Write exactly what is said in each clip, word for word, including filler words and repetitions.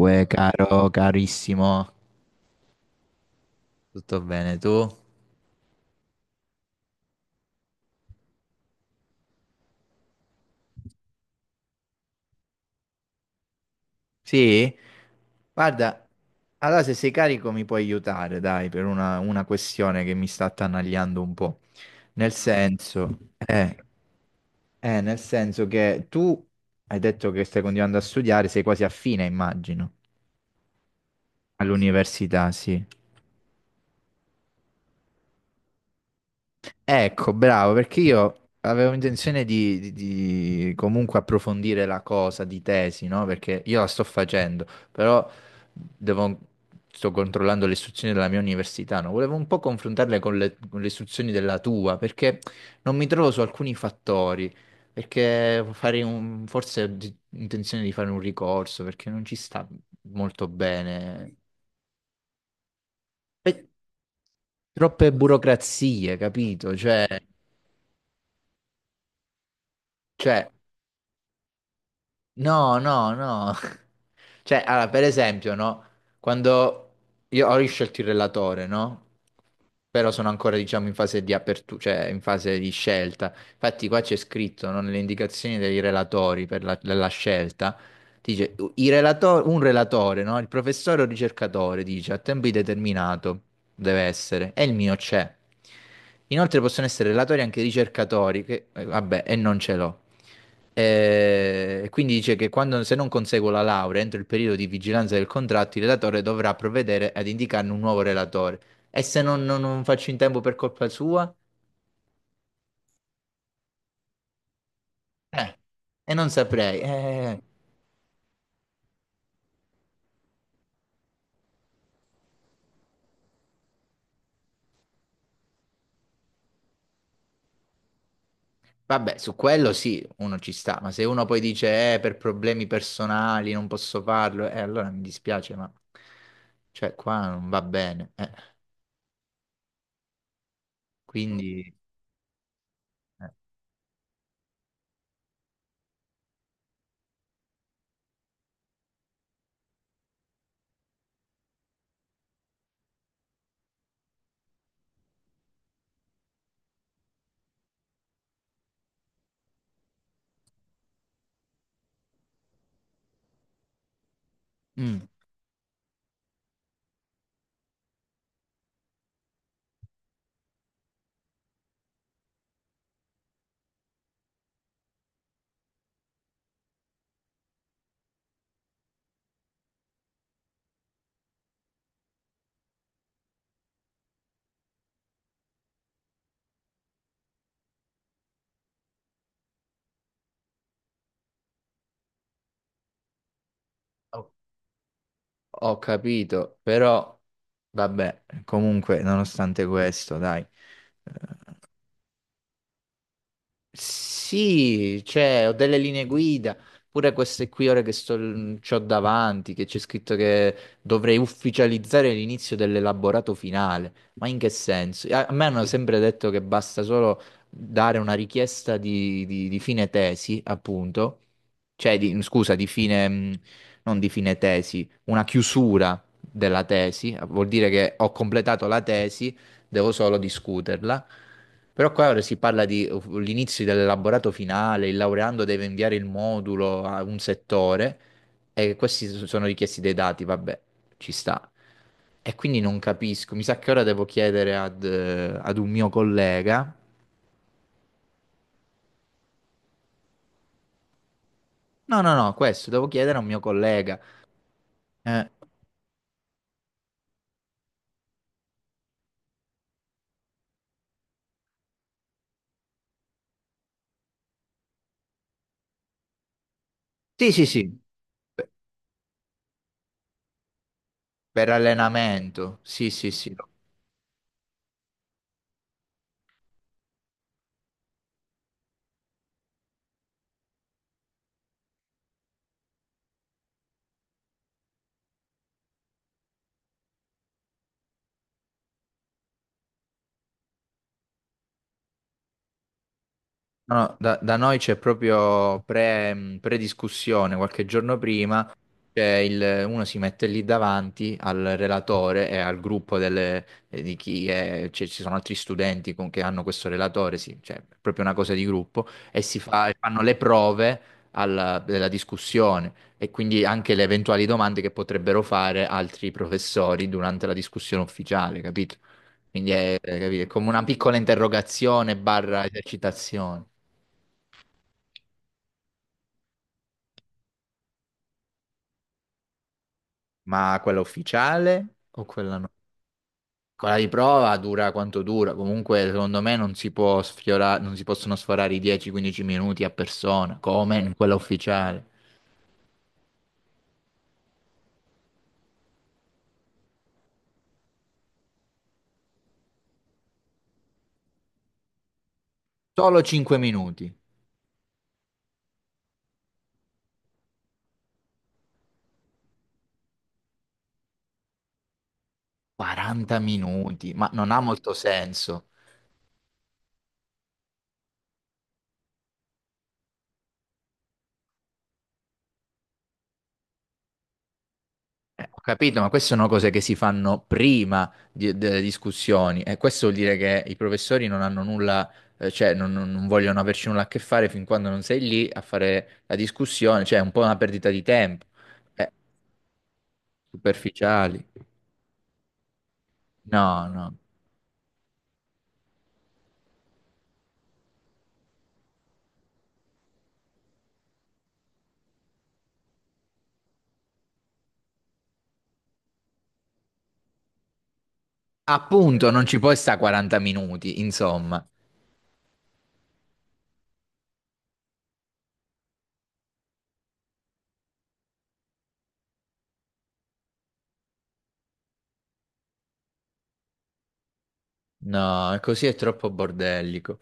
Uè, caro, carissimo, tutto bene tu? Sì? Guarda, allora se sei carico mi puoi aiutare, dai, per una, una questione che mi sta attanagliando un po'. Nel senso, eh, eh, nel senso che tu hai detto che stai continuando a studiare, sei quasi a fine, immagino, all'università, sì. Ecco, bravo, perché io avevo intenzione di, di- di comunque approfondire la cosa di tesi, no? Perché io la sto facendo, però devo- sto controllando le istruzioni della mia università, no? Volevo un po' confrontarle con le, con le istruzioni della tua, perché non mi trovo su alcuni fattori, perché farei un, forse ho di- intenzione di fare un ricorso, perché non ci sta molto bene. Pe- Troppe burocrazie, capito? Cioè... Cioè, No, no, no. Cioè, allora, per esempio, no? Quando io ho riscelto il relatore, no? Però sono ancora, diciamo, in fase di apertura, cioè in fase di scelta. Infatti qua c'è scritto, no, nelle indicazioni dei relatori per la, della scelta, dice, "I relato- un relatore, no? Il professore o ricercatore, dice, a tempo indeterminato deve essere, e il mio c'è. Inoltre possono essere relatori anche ricercatori, che, eh, vabbè, e non ce l'ho. E quindi dice che quando, se non conseguo la laurea entro il periodo di vigilanza del contratto, il relatore dovrà provvedere ad indicarne un nuovo relatore. E se non, non- non faccio in tempo per colpa sua? Eh, e non saprei. Eh, vabbè, su quello sì, uno ci sta, ma se uno poi dice, eh, per problemi personali non posso farlo, eh, allora mi dispiace, ma cioè, qua non va bene. Eh. Quindi... Eh. Mm. Ok. Ho capito, però vabbè, comunque, nonostante questo, dai. Sì, cioè, ho delle linee guida, pure queste qui ora che sto, mhmm, c'ho davanti, che c'è scritto che dovrei ufficializzare l'inizio dell'elaborato finale. Ma in che senso? A a me hanno sempre detto che basta solo dare una richiesta di, di- di fine tesi, appunto, cioè, di- mhmm, scusa, di fine, mh, non di fine tesi, una chiusura della tesi, vuol dire che ho completato la tesi, devo solo discuterla. Però qua ora si parla di uh, l'inizio dell'elaborato finale, il laureando deve inviare il modulo a un settore e questi so- sono richiesti dei dati, vabbè, ci sta. E quindi non capisco, mi sa che ora devo chiedere ad, eh, ad un mio collega. No, no, no, questo devo chiedere a un mio collega. Eh, sì, sì, sì, Pe- per allenamento, sì, sì, sì. No, no, da, da noi c'è proprio pre, mh, prediscussione, qualche giorno prima c'è il- uno si mette lì davanti al relatore e al gruppo delle- eh, di chi è, cioè, ci sono altri studenti con- che hanno questo relatore, sì, cioè è proprio una cosa di gruppo, e si fa- e fanno le prove alla- della discussione e quindi anche le eventuali domande che potrebbero fare altri professori durante la discussione ufficiale, capito? Quindi è, è capito? È come una piccola interrogazione barra esercitazione. Ma quella ufficiale o quella no? Quella di prova dura quanto dura, comunque secondo me non si può sfiorare, non si possono sforare i dieci a quindici minuti a persona, come in quella ufficiale. Solo cinque minuti, quaranta minuti, ma non ha molto senso. Eh, ho capito, ma queste sono cose che si fanno prima di- delle discussioni e questo vuol dire che i professori non hanno nulla, eh, cioè non, non- non vogliono averci nulla a che fare fin quando non sei lì a fare la discussione, cioè è un po' una perdita di tempo. Eh, Superficiali. No, no. Appunto, non ci puoi sta quaranta minuti, insomma. No, così è troppo bordellico.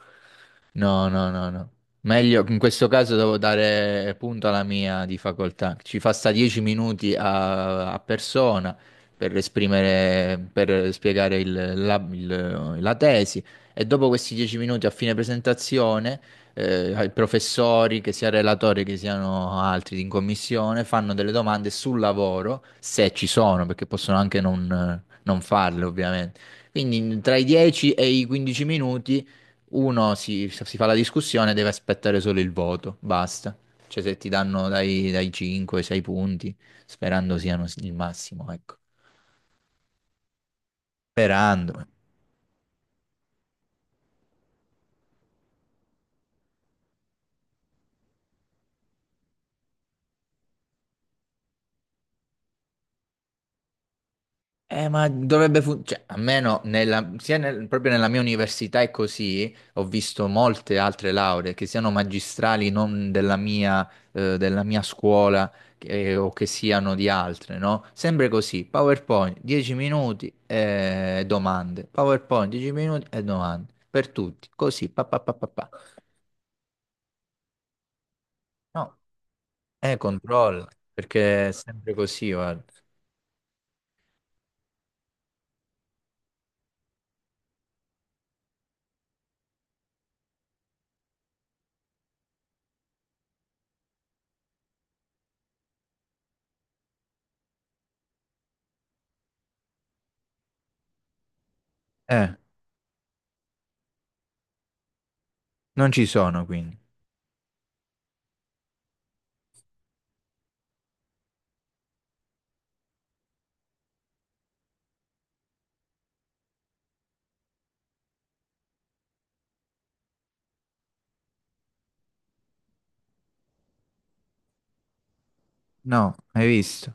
No, no, no, no. Meglio, in questo caso devo dare punto alla mia di facoltà. Ci fa sta dieci minuti a, a persona per esprimere, per spiegare il- la, il- la tesi e dopo questi dieci minuti a fine presentazione, eh, ai professori, che sia relatori che siano altri in commissione, fanno delle domande sul lavoro, se ci sono, perché possono anche non non farle, ovviamente. Quindi tra i dieci e i quindici minuti uno si, si fa la discussione e deve aspettare solo il voto, basta. Cioè se ti danno dai, dai cinque ai sei punti, sperando siano il massimo, ecco. Sperando. Eh, ma dovrebbe funzionare, cioè, almeno nella, sia nel- proprio nella mia università è così, ho visto molte altre lauree che siano magistrali non della mia, eh, della mia scuola, che- eh, o che siano di altre, no? Sempre così, PowerPoint dieci minuti e domande, PowerPoint dieci minuti e domande, per tutti, così, pa pa pa pa pa. No, eh, controlla, perché è sempre così, guarda. Eh, Non ci sono quindi, no, hai visto?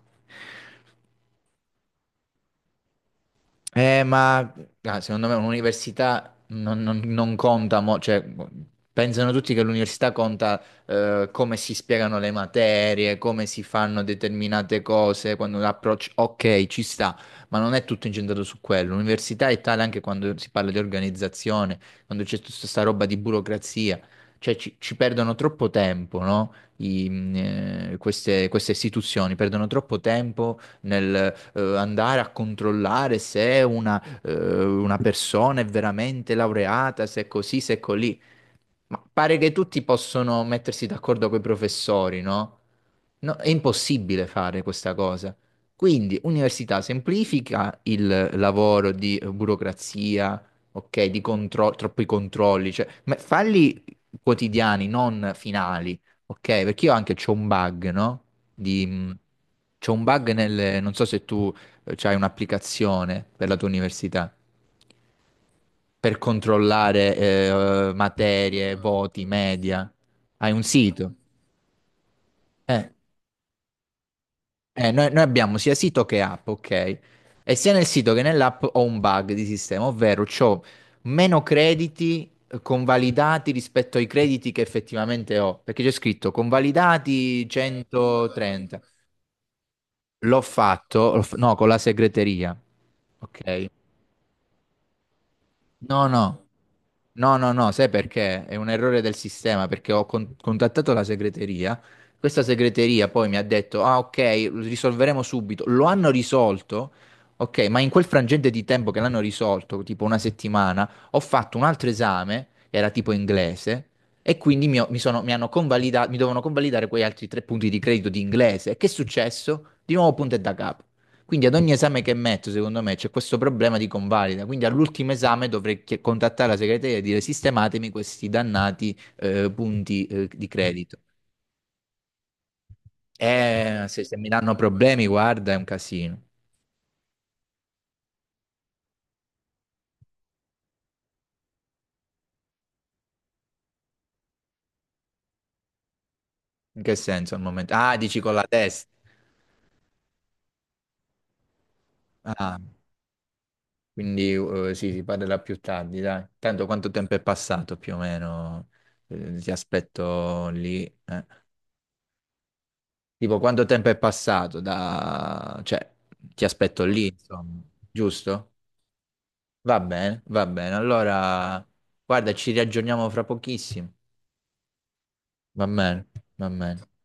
Eh, ma ah, secondo me un'università non, non- non conta, mo- cioè, pensano tutti che l'università conta eh, come si spiegano le materie, come si fanno determinate cose, quando l'approccio, ok, ci sta, ma non è tutto incentrato su quello. L'università è tale anche quando si parla di organizzazione, quando c'è tutta questa roba di burocrazia, cioè ci, ci perdono troppo tempo, no? I- mm, eh, queste queste istituzioni perdono troppo tempo nel eh, andare a controllare se una, eh, una persona è veramente laureata, se è così, se è colì. Ma pare che tutti possono mettersi d'accordo con i professori, no? No, è impossibile fare questa cosa. Quindi, università semplifica il lavoro di eh, burocrazia, ok, di contro- troppi controlli, cioè, ma falli quotidiani, non finali, ok? Perché io anche c'ho un bug, no? Di, mh, c'ho un bug nel, non so se tu eh, c'hai un'applicazione per la tua università per controllare eh, materie, voti, media. Hai un sito. Eh, eh, noi, noi abbiamo sia sito che app, ok? E sia nel sito che nell'app ho un bug di sistema, ovvero ho meno crediti eh, convalidati rispetto ai crediti che effettivamente ho, perché c'è scritto convalidati centotrenta. L'ho fatto, l'ho f- no, con la segreteria, ok? No, no. No, no, no, sai perché? È un errore del sistema, perché ho con- contattato la segreteria. Questa segreteria poi mi ha detto, ah, ok, risolveremo subito. Lo hanno risolto, ok, ma in quel frangente di tempo che l'hanno risolto, tipo una settimana, ho fatto un altro esame, era tipo inglese, e quindi mi, ho- mi sono- mi hanno convalidato, mi dovevano convalidare quei altri tre punti di credito di inglese. Che è successo? Di nuovo punto e da capo. Quindi ad ogni esame che metto, secondo me, c'è questo problema di convalida. Quindi all'ultimo esame dovrei chi- contattare la segreteria e dire sistematemi questi dannati eh, punti eh, di credito. Eh, se, se mi danno problemi, guarda, è un casino. In che senso al momento? Ah, dici con la testa. Ah, quindi eh, sì, si parlerà più tardi, dai. Tanto quanto tempo è passato più o meno? Eh, ti aspetto lì. Eh. Tipo, quanto tempo è passato da... cioè, ti aspetto lì, insomma, giusto? Va bene, va bene. Allora, guarda, ci riaggiorniamo fra pochissimo. Va bene, va bene.